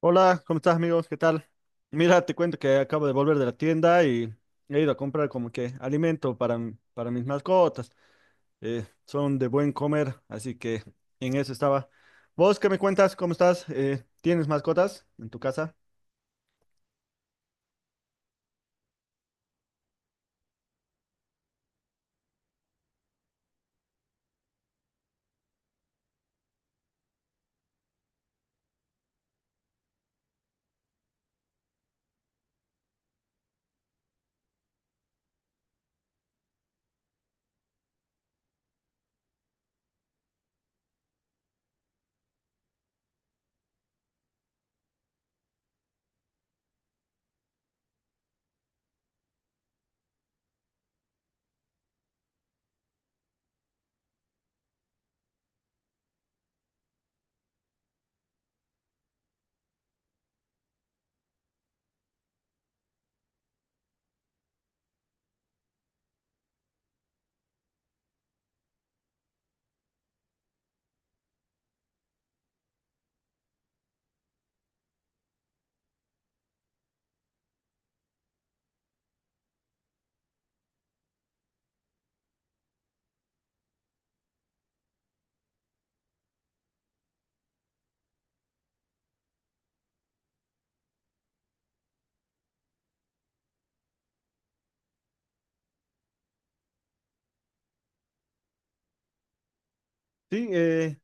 Hola, ¿cómo estás, amigos? ¿Qué tal? Mira, te cuento que acabo de volver de la tienda y he ido a comprar como que alimento para, para mis mascotas. Son de buen comer, así que en eso estaba. ¿Vos qué me cuentas? ¿Cómo estás? ¿Tienes mascotas en tu casa? Sí,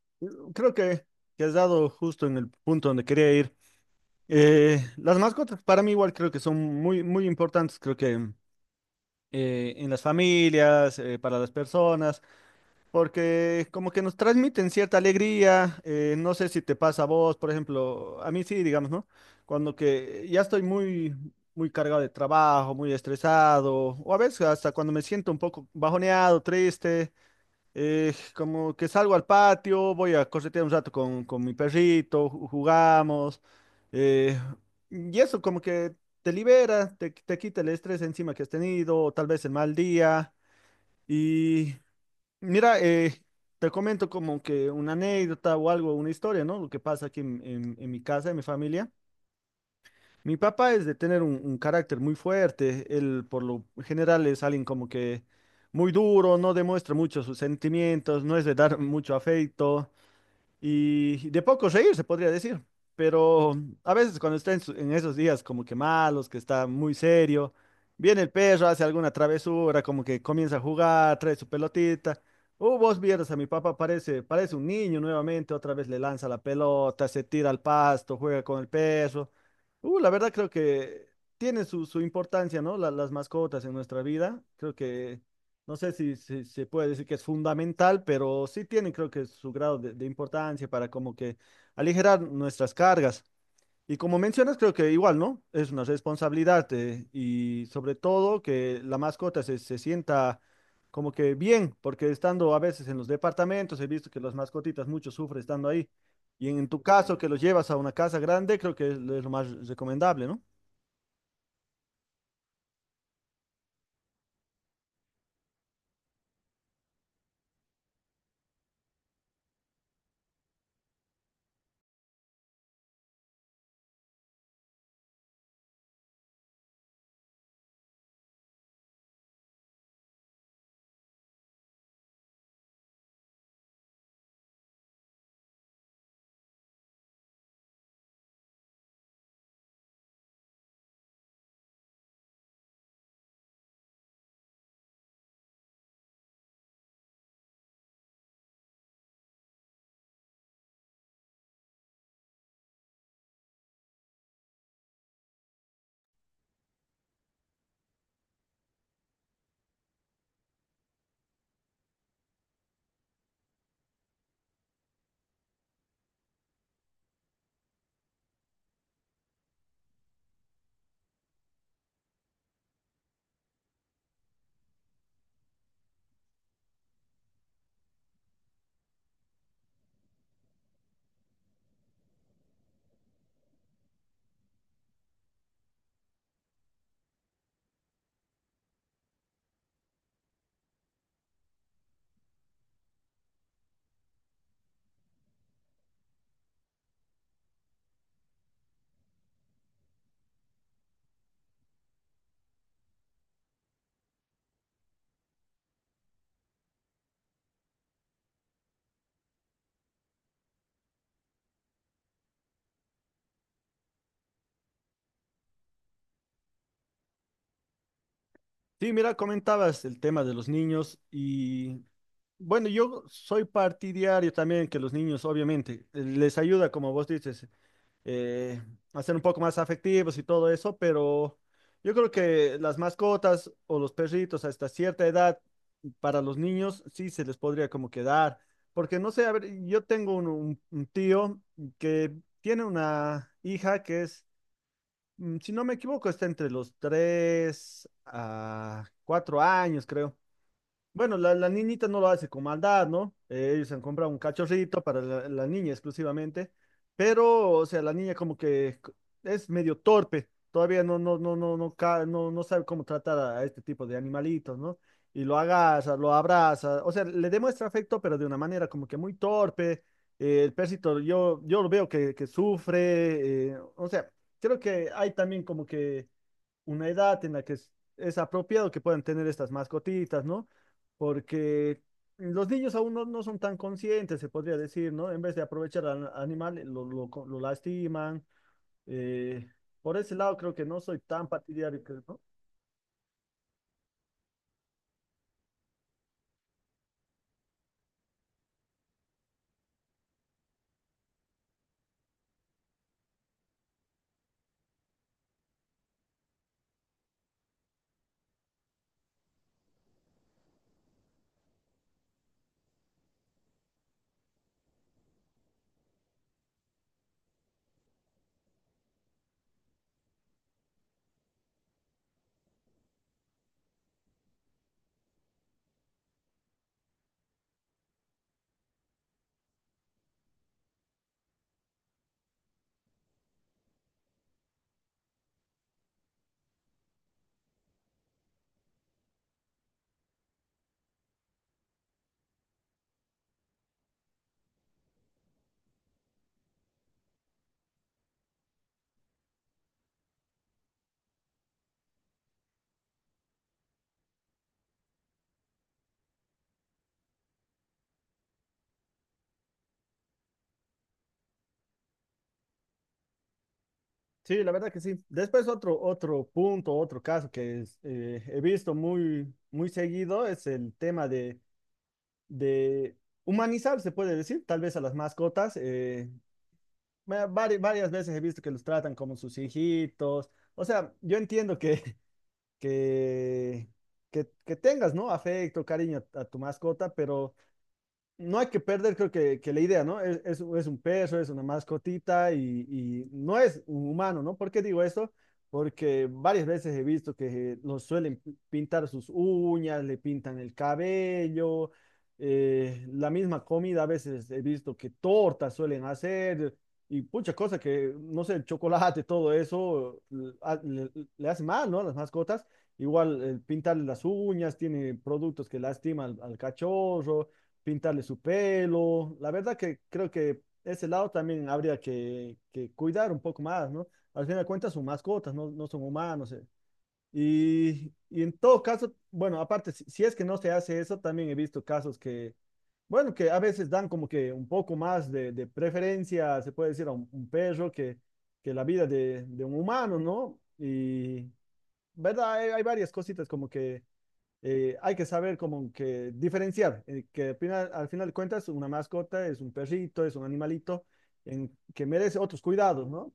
creo que has dado justo en el punto donde quería ir. Las mascotas para mí igual creo que son muy, muy importantes, creo que en las familias, para las personas. Porque como que nos transmiten cierta alegría, no sé si te pasa a vos, por ejemplo, a mí sí, digamos, ¿no? Cuando que ya estoy muy, muy cargado de trabajo, muy estresado, o a veces hasta cuando me siento un poco bajoneado, triste, como que salgo al patio, voy a corretear un rato con mi perrito, jugamos, eh, y eso como que te libera, te quita el estrés encima que has tenido, o tal vez el mal día. Y mira, te comento como que una anécdota o algo, una historia, ¿no? Lo que pasa aquí en, en mi casa, en mi familia. Mi papá es de tener un carácter muy fuerte. Él, por lo general, es alguien como que muy duro, no demuestra mucho sus sentimientos, no es de dar mucho afecto y de poco reír, se podría decir. Pero a veces cuando está en, en esos días como que malos, que está muy serio, viene el perro, hace alguna travesura, como que comienza a jugar, trae su pelotita. Vos vieras a mi papá, parece, parece un niño nuevamente, otra vez le lanza la pelota, se tira al pasto, juega con el perro. La verdad creo que tiene su, su importancia, ¿no? Las mascotas en nuestra vida. Creo que no sé si, si se puede decir que es fundamental, pero sí tiene creo que su grado de importancia para como que aligerar nuestras cargas. Y como mencionas, creo que igual, ¿no? Es una responsabilidad, y sobre todo que la mascota se, se sienta como que bien, porque estando a veces en los departamentos, he visto que las mascotitas mucho sufren estando ahí. Y en tu caso, que los llevas a una casa grande, creo que es lo más recomendable, ¿no? Sí, mira, comentabas el tema de los niños y bueno, yo soy partidario también que los niños, obviamente, les ayuda, como vos dices, eh, a ser un poco más afectivos y todo eso, pero yo creo que las mascotas o los perritos hasta cierta edad para los niños sí se les podría como quedar, porque no sé, a ver, yo tengo un, un tío que tiene una hija que es si no me equivoco, está entre los 3 a 4 años, creo. Bueno, la niñita no lo hace con maldad, ¿no? Ellos han comprado un cachorrito para la, la niña exclusivamente, pero, o sea, la niña como que es medio torpe, todavía no, no, no, no, no, no, no sabe cómo tratar a este tipo de animalitos, ¿no? Y lo agarra, lo abraza, o sea, le demuestra afecto, pero de una manera como que muy torpe. El perrito, yo lo veo que sufre, o sea, creo que hay también como que una edad en la que es apropiado que puedan tener estas mascotitas, ¿no? Porque los niños aún no, no son tan conscientes, se podría decir, ¿no? En vez de aprovechar al animal, lo lastiman. eh, por ese lado creo que no soy tan partidario, creo, ¿no? Sí, la verdad que sí. Después otro, otro punto, otro caso que es, he visto muy, muy seguido es el tema de humanizar, se puede decir, tal vez a las mascotas. Varias, veces he visto que los tratan como sus hijitos. O sea, yo entiendo que, que, que tengas, ¿no? Afecto, cariño a tu mascota, pero no hay que perder, creo que la idea, ¿no? Es un perro, es una mascotita y no es un humano, ¿no? ¿Por qué digo esto? Porque varias veces he visto que los suelen pintar sus uñas, le pintan el cabello, la misma comida a veces he visto que tortas suelen hacer y muchas cosas que, no sé, el chocolate, todo eso, le, le hace mal, ¿no? A las mascotas. Igual, pintarle las uñas tiene productos que lastiman al al cachorro pintarle su pelo. La verdad que creo que ese lado también habría que cuidar un poco más, ¿no? Al fin de cuentas son mascotas, no, no son humanos. Y en todo caso, bueno, aparte, si, si es que no se hace eso, también he visto casos que, bueno, que a veces dan como que un poco más de preferencia, se puede decir, a un perro que la vida de un humano, ¿no? Y, ¿verdad? Hay varias cositas como que hay que saber como que diferenciar, que al final de cuentas una mascota es un perrito, es un animalito en, que merece otros cuidados, ¿no?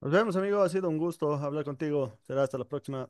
Nos vemos, amigo. Ha sido un gusto hablar contigo. Será hasta la próxima.